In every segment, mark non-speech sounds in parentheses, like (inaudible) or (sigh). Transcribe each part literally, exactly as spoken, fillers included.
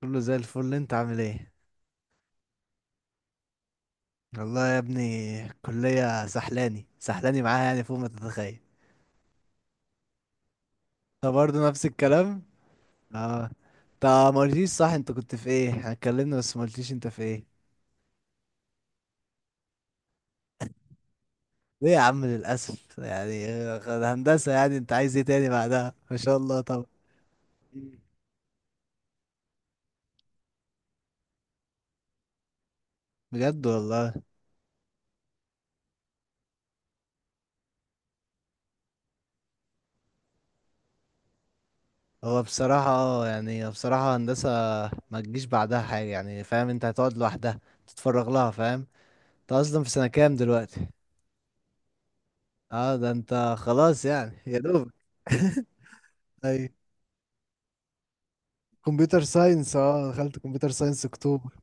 كله زي الفل، انت عامل ايه؟ والله يا ابني الكلية سحلاني سحلاني معاها، يعني فوق ما تتخيل. انت برضه نفس الكلام؟ اه. انت ما قلتليش، صح؟ انت كنت في ايه؟ احنا اتكلمنا بس ما قلتليش انت في ايه. ليه يا عم للاسف؟ يعني اه، هندسة، يعني انت عايز ايه تاني بعدها؟ ما شاء الله طبعا. بجد والله. هو بصراحة اه يعني بصراحة هندسة ما تجيش بعدها حاجة، يعني فاهم؟ انت هتقعد لوحدها، تتفرغ لها، فاهم؟ انت اصلا في سنة كام دلوقتي؟ اه ده انت خلاص يعني، يا دوب. (laughs) اي. كمبيوتر ساينس، اه، دخلت كمبيوتر ساينس اكتوبر.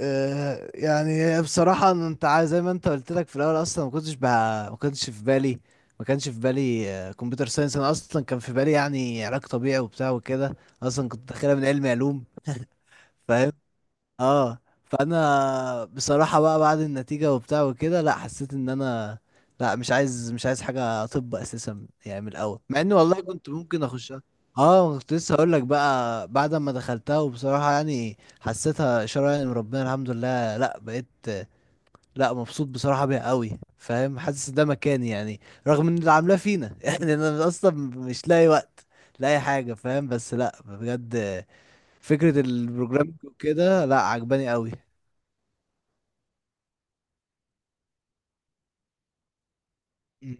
آه يعني هي بصراحة، إن انت عايز زي ما انت قلت لك، في الاول اصلا ما كنتش بقى ما كنتش في بالي، ما كانش في بالي آه، كمبيوتر ساينس. انا اصلا كان في بالي يعني علاج طبيعي وبتاع وكده. اصلا كنت داخلها من علم علوم. فاهم؟ اه. فانا بصراحة بقى، بعد النتيجة وبتاع وكده، لا، حسيت ان انا لا، مش عايز مش عايز حاجة طب اساسا، يعني من الاول، مع ان والله كنت ممكن اخشها. اه، كنت لسه هقول لك بقى، بعد ما دخلتها وبصراحة يعني حسيتها اشارة يعني من ربنا، الحمد لله، لا بقيت، لا، مبسوط بصراحة بيها قوي، فاهم، حاسس ده مكاني يعني، رغم ان اللي عاملاه فينا. (laughs) يعني انا اصلا مش لاقي وقت، لاقي حاجة، فاهم؟ بس لا بجد، فكرة البروجرامينج وكده، لا، عجباني قوي. مم.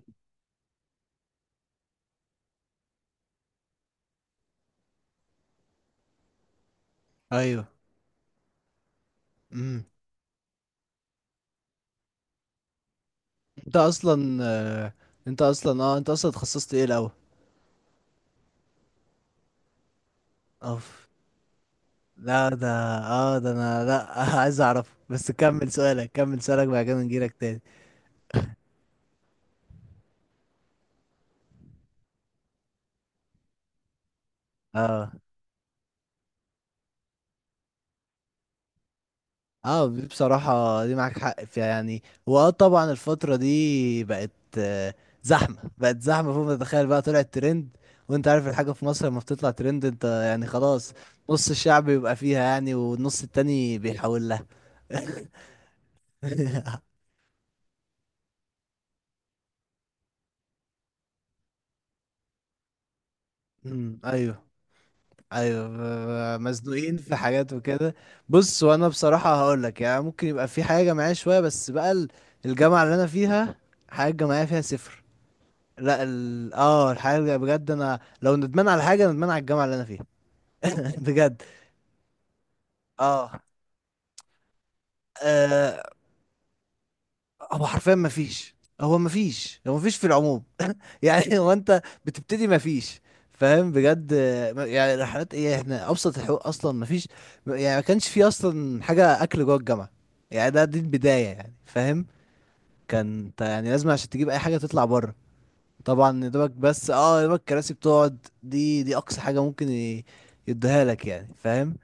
ايوه. امم. انت اصلا آه، انت اصلا اه انت اصلا اتخصصت ايه الاول؟ اوف، لا ده، اه ده انا، لا (laughs) عايز اعرف، بس كمل سؤالك، كمل سؤالك، بعد كده نجيلك تاني. اه. اه، دي بصراحة دي معاك حق فيها، يعني واه طبعا، الفترة دي بقت آه، زحمة، بقت زحمة فوق ما تتخيل بقى، طلعت ترند، وانت عارف الحاجة في مصر لما بتطلع ترند، انت يعني خلاص، نص الشعب بيبقى فيها يعني، والنص التاني بيحاول لها. (laughs) (laughs) امم، ايوه. ايوه ب- ب- مزنوقين في حاجات وكده. بص، وانا بصراحه هقول لك يعني ممكن يبقى في حاجه جماعيه شويه، بس بقى ال- الجامعه اللي انا فيها حاجه جماعيه فيها صفر. لا ال... اه الحاجه اللي بجد انا لو ندمان على حاجه، ندمان على الجامعه اللي انا فيها. (laughs) بجد. اه. آه. هو حرفيا ما فيش، هو ما فيش هو ما فيش في العموم، يعني. (laughs) هو انت بتبتدي مفيش، فاهم؟ بجد. آه، يعني رحلات ايه، احنا ابسط الحقوق اصلا مفيش، يعني ما كانش في اصلا حاجه اكل جوه الجامعه، يعني ده دي البدايه، يعني فاهم؟ كان انت يعني لازم عشان تجيب اي حاجه تطلع بره. طبعا يا دوبك، بس اه، يا دوبك الكراسي بتقعد، دي دي اقصى حاجه ممكن ي- يديها لك، يعني فاهم.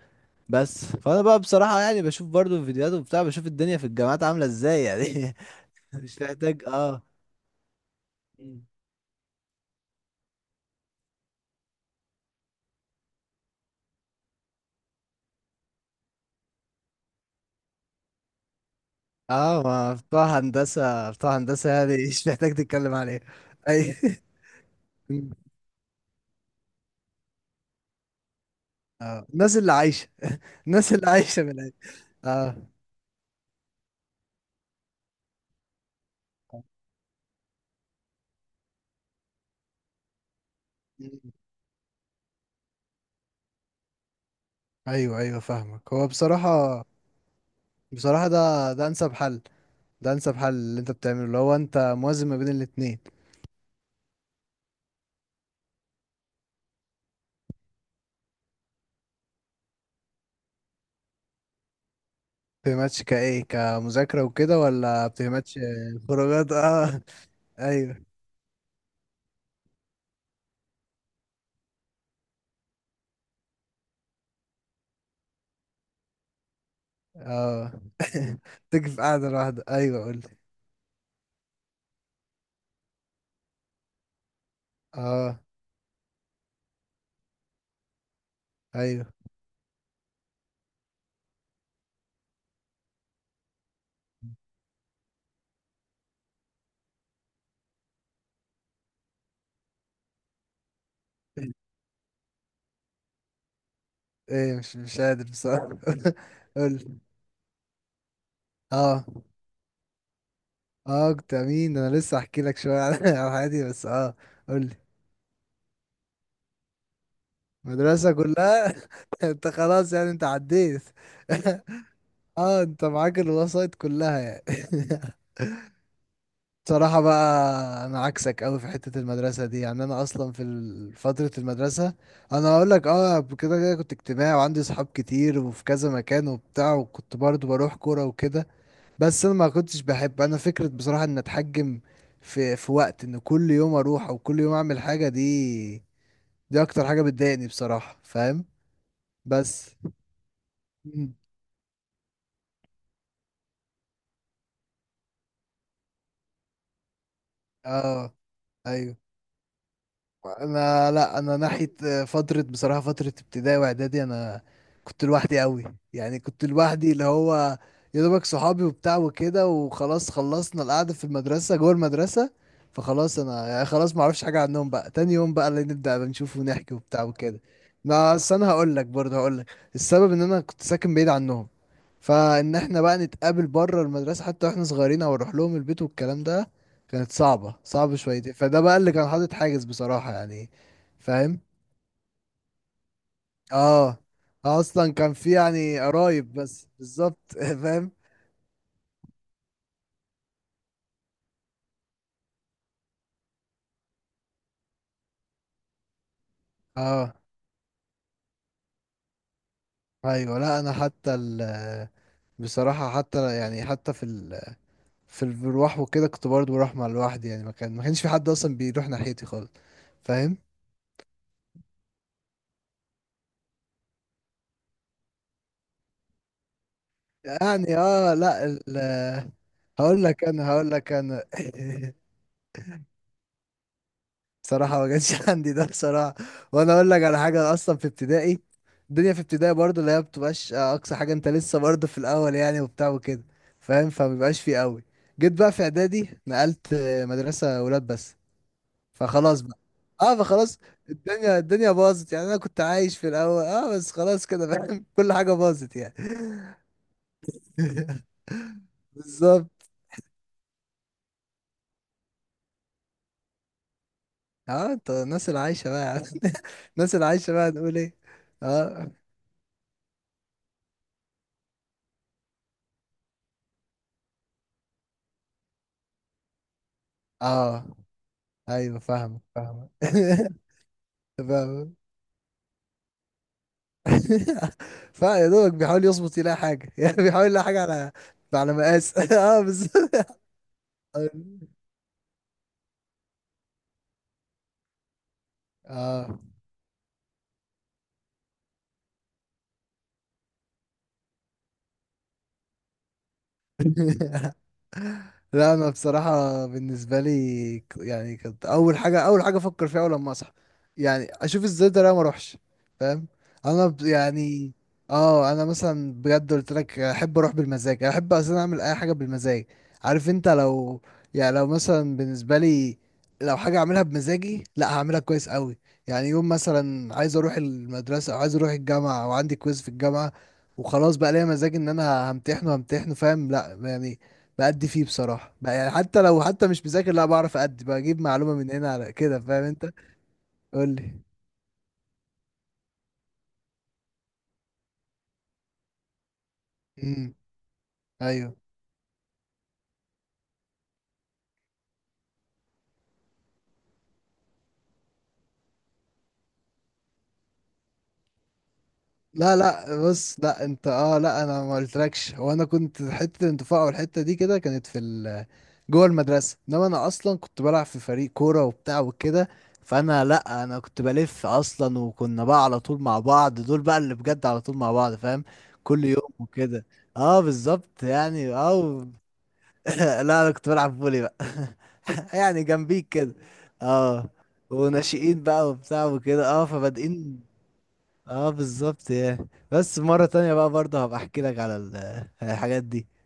بس فانا بقى بصراحه يعني بشوف برضو الفيديوهات وبتاع، بشوف الدنيا في الجامعات عامله ازاي يعني. (laughs) مش محتاج، اه. اه ما بتوع هندسة، بتوع هندسة يعني. (laughs) مش محتاج تتكلم عليه. اي. (laughs) اه الناس اللي عايشة. (laughs) الناس اللي عايشة من العيش. اه. مم. ايوه، ايوه، فاهمك. هو بصراحة، بصراحة، ده ده انسب حل، ده انسب حل اللي انت بتعمله، اللي هو انت موازن ما بين الاتنين. بتهمتش كايه، كمذاكرة وكده، ولا بتهمتش؟ خروجات، اه. ايوه. اه. (laughs) تكفي قاعدة لوحدك. ايوه، قول. اه. ايوه. ايه؟ مش مش قادر بصراحة. (laughs) قول. اه. اه، كنت امين. انا لسه احكي لك شوية على (laughs) على حياتي، بس اه، قول لي. مدرسة كلها. (laughs) انت خلاص يعني، انت عديت. (laughs) اه، انت معاك الوسائط كلها يعني. (laughs) بصراحة بقى، انا عكسك قوي في حتة المدرسة دي، يعني انا اصلا في ال- فترة المدرسة، انا هقول لك، اه، كده كده كنت اجتماعي، وعندي صحاب كتير، وفي كذا مكان وبتاع، وكنت برضو بروح كورة وكده. بس انا ما كنتش بحب انا فكرة بصراحة ان اتحجم في في وقت، ان كل يوم اروح او كل يوم اعمل حاجة دي، دي اكتر حاجة بتضايقني بصراحة، فاهم؟ بس. مم. اه، ايوه. انا لا، انا ناحيه آه، فتره بصراحه فتره ابتدائي واعدادي، انا كنت لوحدي قوي، يعني كنت لوحدي، اللي هو يا دوبك صحابي وبتاع وكده، وخلاص، خلصنا القعده في المدرسه، جوه المدرسه فخلاص. انا يعني خلاص ما اعرفش حاجه عنهم بقى، تاني يوم بقى اللي نبدا نشوف ونحكي وبتاع وكده. ما أصل انا هقول لك برضه، هقول لك السبب، ان انا كنت ساكن بعيد عنهم، فان احنا بقى نتقابل بره المدرسه حتى واحنا صغيرين، او نروح لهم البيت والكلام ده، كانت صعبة، صعبة شويتين، فده بقى اللي كان حاطط حاجز بصراحة يعني. فاهم؟ اه. آه، اصلا كان في يعني قرايب بس بالظبط. (laughs) فاهم. اه، ايوه. لا انا حتى ال، بصراحة حتى يعني، حتى في ال، في ال- بروح وكده كنت برضه بروح مع لوحدي يعني، ما كان ما كانش في حد اصلا بيروح ناحيتي خالص، فاهم؟ يعني اه. لا ال هقول لك انا، هقول لك انا. (laughs) بصراحة ما كانش (laughs) عندي ده بصراحة. وانا اقول لك على حاجة، أنا اصلا في ابتدائي، الدنيا في ابتدائي برضه اللي هي بتبقاش اقصى حاجة، انت لسه برضه في الاول يعني وبتاع وكده، فاهم؟ فمبيبقاش فيه قوي. جيت بقى في اعدادي، نقلت آه، مدرسة ولاد بس، فخلاص بقى. اه فخلاص، الدنيا الدنيا باظت، يعني انا كنت عايش في الاول اه، بس خلاص كده فاهم. (laughs) كل حاجة باظت يعني. (laughs) بالظبط. اه، انت الناس اللي عايشة بقى. (laughs) الناس اللي عايشة (laughs) بقى، نقول ايه؟ اه. اه ايوه، فاهمك، فاهمك، فاهمك. (laughs) (laughs) فيا دوبك بيحاول يظبط يلاقي حاجه (laughs) يعني، بيحاول يلاقي حاجه على على مقاس. (laughs) اه بالظبط. (laughs) اه. (laughs) لا انا بصراحه بالنسبه لي، ك- يعني كانت اول حاجه، اول حاجه افكر فيها اول لما اصحى، يعني اشوف ازاي ده أنا ما اروحش، فاهم؟ انا ب- يعني اه، انا مثلا بجد قلت لك احب اروح بالمزاج، احب اصلا اعمل اي حاجه بالمزاج، عارف؟ انت لو يعني، لو مثلا بالنسبه لي، لو حاجه اعملها بمزاجي، لا هعملها كويس قوي. يعني يوم مثلا عايز اروح المدرسه، او عايز اروح الجامعه، او عندي كويز في الجامعه، وخلاص بقى ليا مزاج ان انا همتحن، وهمتحن فاهم، لا يعني بأدي فيه بصراحة بقى، يعني حتى لو حتى مش مذاكر، لا بعرف أدي، بجيب معلومة من هنا على كده، فاهم انت؟ قول لي. امم، ايوه. لا، لا، بص، لا انت اه، لا انا ما قلتلكش، هو انا كنت حتة الانتفاع والحتة دي كده كانت في ال، جوه المدرسة، انما انا اصلا كنت بلعب في فريق كورة وبتاع وكده، فانا لا، انا كنت بلف اصلا، وكنا بقى على طول مع بعض، دول بقى اللي بجد على طول مع بعض، فاهم؟ كل يوم وكده. اه بالظبط يعني، اه. (laughs) لا انا كنت بلعب فولي بقى. (laughs) يعني جنبيك كده. اه، وناشئين بقى وبتاع وكده، اه فبادئين. اه بالظبط يعني، بس مرة تانية بقى برضه هبقى احكي لك على ال- الحاجات دي.